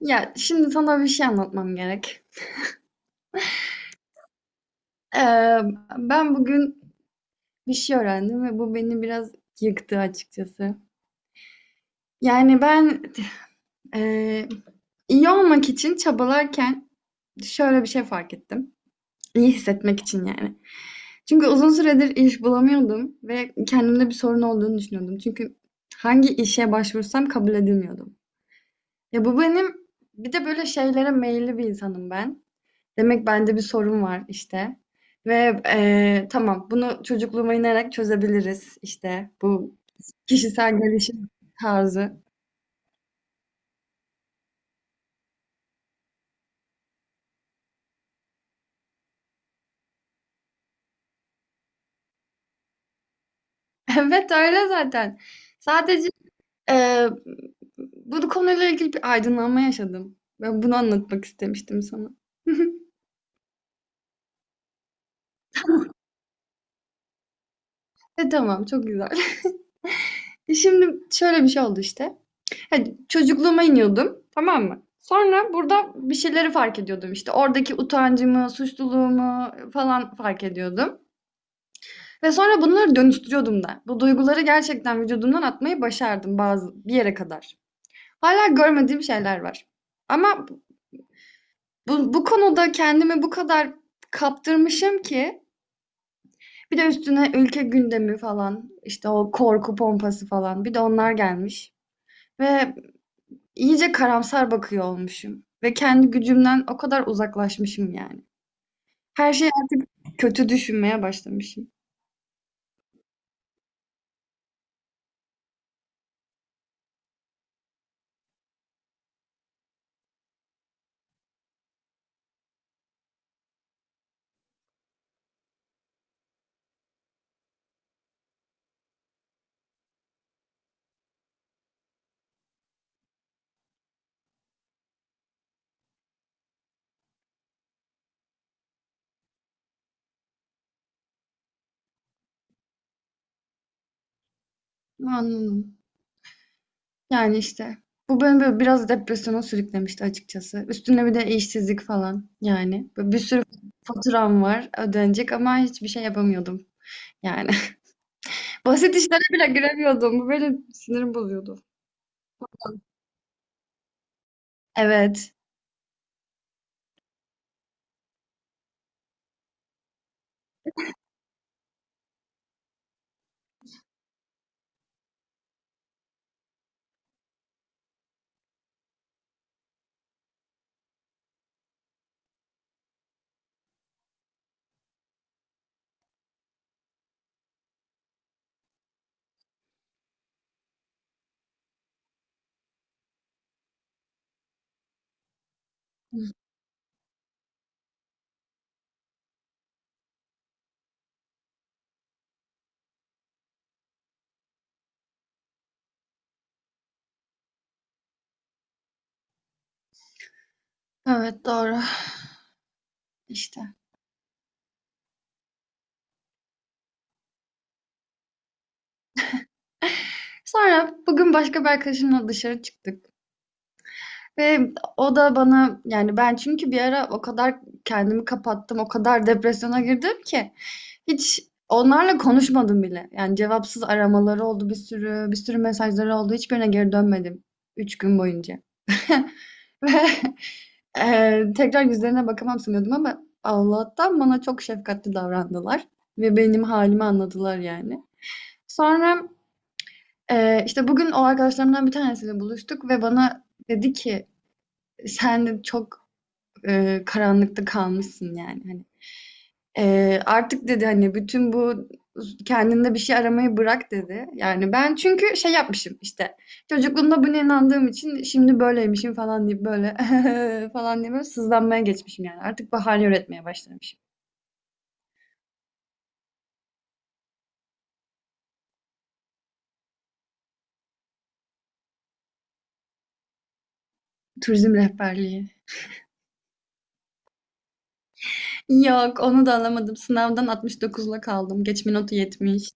Ya şimdi sana bir şey anlatmam gerek. Ee, Ben bugün bir şey öğrendim ve bu beni biraz yıktı açıkçası. Yani ben e, iyi olmak için çabalarken şöyle bir şey fark ettim. İyi hissetmek için yani. Çünkü uzun süredir iş bulamıyordum ve kendimde bir sorun olduğunu düşünüyordum. Çünkü hangi işe başvursam kabul edilmiyordum. Ya bu benim bir de böyle şeylere meyilli bir insanım ben. Demek bende bir sorun var işte. Ve Tamam, bunu çocukluğuma inerek çözebiliriz işte, bu kişisel gelişim tarzı. Evet, öyle zaten. Sadece eee, bu konuyla ilgili bir aydınlanma yaşadım. Ben bunu anlatmak istemiştim sana. E tamam, çok güzel. Şimdi şöyle bir şey oldu işte. Hani çocukluğuma iniyordum, tamam mı? Sonra burada bir şeyleri fark ediyordum işte. Oradaki utancımı, suçluluğumu falan fark ediyordum. Ve sonra bunları dönüştürüyordum da. Bu duyguları gerçekten vücudumdan atmayı başardım bazı bir yere kadar. Hala görmediğim şeyler var. Ama bu konuda kendimi bu kadar kaptırmışım ki bir de üstüne ülke gündemi falan işte, o korku pompası falan, bir de onlar gelmiş. Ve iyice karamsar bakıyor olmuşum. Ve kendi gücümden o kadar uzaklaşmışım yani. Her şeyi artık kötü düşünmeye başlamışım. Anladım. Yani işte. Bu beni böyle biraz depresyona sürüklemişti açıkçası. Üstüne bir de işsizlik falan yani. Böyle bir sürü faturam var ödenecek ama hiçbir şey yapamıyordum. Yani basit işlere bile giremiyordum. Bu benim sinirim bozuyordu. Evet. Evet, doğru. İşte. Sonra bugün başka bir arkadaşımla dışarı çıktık. Ve o da bana yani, ben çünkü bir ara o kadar kendimi kapattım, o kadar depresyona girdim ki hiç onlarla konuşmadım bile. Yani cevapsız aramaları oldu bir sürü, bir sürü mesajları oldu. Hiçbirine geri dönmedim. 3 gün boyunca. Ve Tekrar yüzlerine bakamam sanıyordum ama Allah'tan bana çok şefkatli davrandılar. Ve benim halimi anladılar yani. Sonra işte bugün o arkadaşlarımdan bir tanesiyle buluştuk ve bana dedi ki sen de çok karanlıkta kalmışsın yani hani. Artık dedi hani bütün bu kendinde bir şey aramayı bırak dedi. Yani ben çünkü şey yapmışım işte, çocukluğumda buna inandığım için şimdi böyleymişim falan deyip böyle falan diye böyle sızlanmaya geçmişim yani. Artık bahane üretmeye başlamışım. Turizm rehberliği. Yok, onu da alamadım. Sınavdan 69'la kaldım. Geçme notu 70.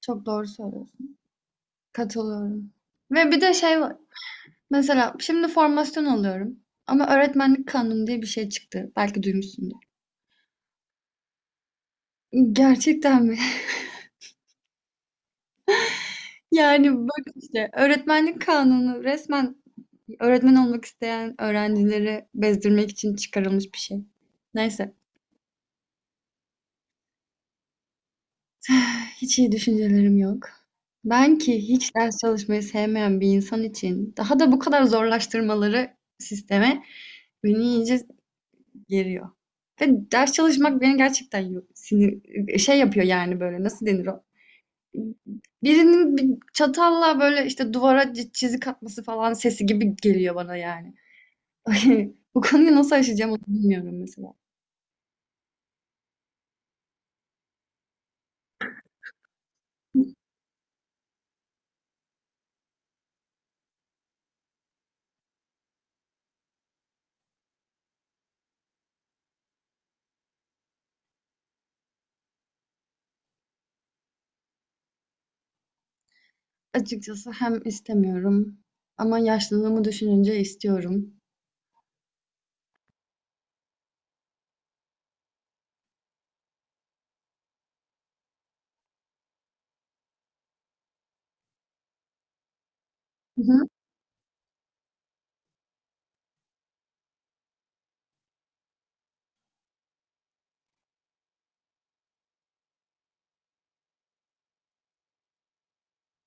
Çok doğru söylüyorsun. Katılıyorum. Ve bir de şey var. Mesela şimdi formasyon alıyorum. Ama öğretmenlik kanunu diye bir şey çıktı. Belki duymuşsundur. Gerçekten mi? Yani bak işte, öğretmenlik kanunu resmen öğretmen olmak isteyen öğrencileri bezdirmek için çıkarılmış bir şey. Neyse. Hiç iyi düşüncelerim yok. Ben ki hiç ders çalışmayı sevmeyen bir insan için daha da bu kadar zorlaştırmaları sisteme beni iyice geriyor. Ve ders çalışmak beni gerçekten sinir şey yapıyor yani, böyle nasıl denir o? Birinin bir çatalla böyle işte duvara çizik atması falan sesi gibi geliyor bana yani. Bu konuyu nasıl aşacağım onu bilmiyorum mesela. Açıkçası hem istemiyorum ama yaşlılığımı düşününce istiyorum. Hı hı.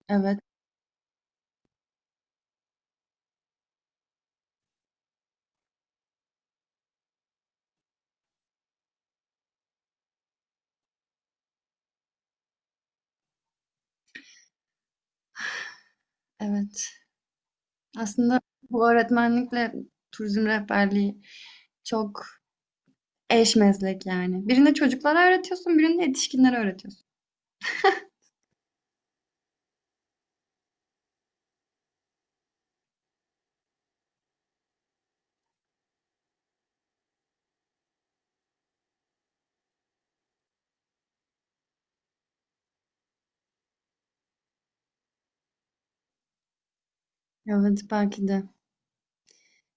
Evet, evet. Aslında bu öğretmenlikle turizm rehberliği çok eş meslek yani. Birinde çocuklara öğretiyorsun, birinde yetişkinlere öğretiyorsun. Evet, belki de.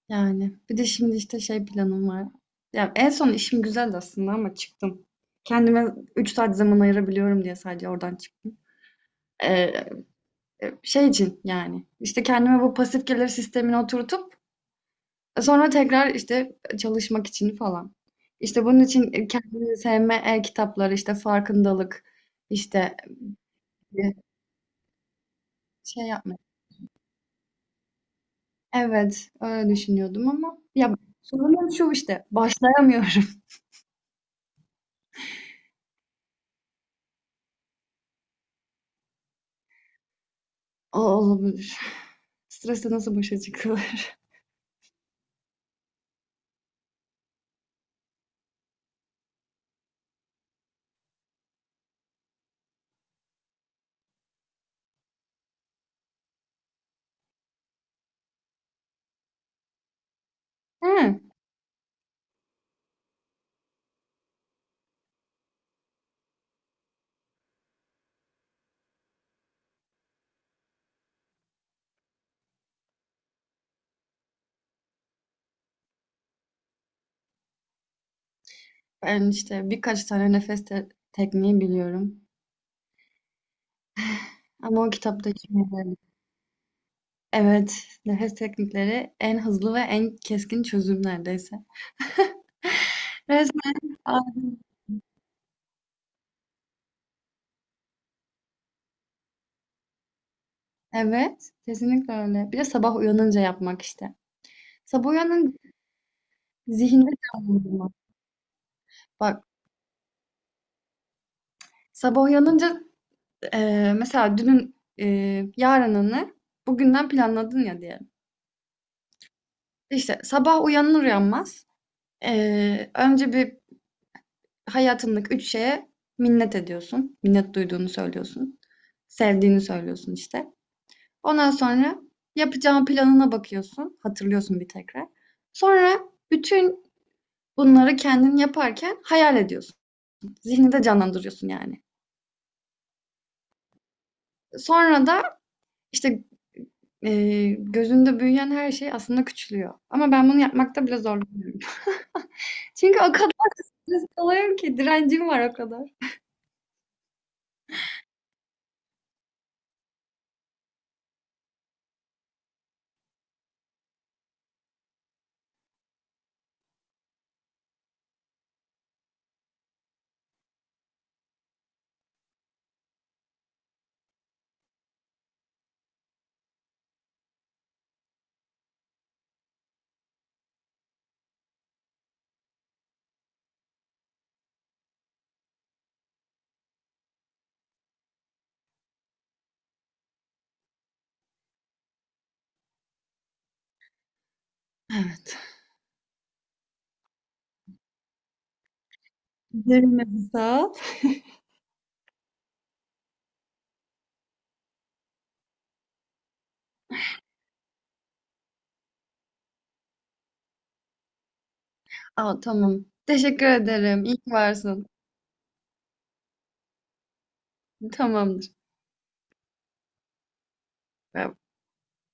Yani bir de şimdi işte şey planım var. Ya en son işim güzeldi aslında ama çıktım. Kendime 3 saat zaman ayırabiliyorum diye sadece oradan çıktım. Ee, Şey için yani, işte kendime bu pasif gelir sistemini oturtup sonra tekrar işte çalışmak için falan. İşte bunun için kendini sevme e-kitapları işte farkındalık işte bir şey yapmak. Evet, öyle düşünüyordum ama ya, sorunum şu işte, başlayamıyorum. O olabilir. Stresle nasıl başa çıkılır? Hı. Ben işte birkaç tane nefes tekniği biliyorum. Ama o kitaptaki gibi. Evet, nefes teknikleri en hızlı ve en keskin çözüm neredeyse. Resmen aldım. Evet, kesinlikle öyle. Bir de sabah uyanınca yapmak işte. Sabah uyanınca zihinde canlandırmak. Bak, sabah uyanınca mesela dünün e, yarınını bugünden planladın ya, diyelim. İşte sabah uyanır uyanmaz önce bir hayatındaki 3 şeye minnet ediyorsun. Minnet duyduğunu söylüyorsun. Sevdiğini söylüyorsun işte. Ondan sonra yapacağın planına bakıyorsun. Hatırlıyorsun bir tekrar. Sonra bütün bunları kendin yaparken hayal ediyorsun. Zihninde canlandırıyorsun yani. Sonra da işte gözünde büyüyen her şey aslında küçülüyor. Ama ben bunu yapmakta bile zorlanıyorum. Çünkü o kadar stresli oluyorum ki, direncim var o kadar. Evet. Derin nefes al. Aa, tamam. Teşekkür ederim. İyi ki varsın. Tamamdır. Bay bay.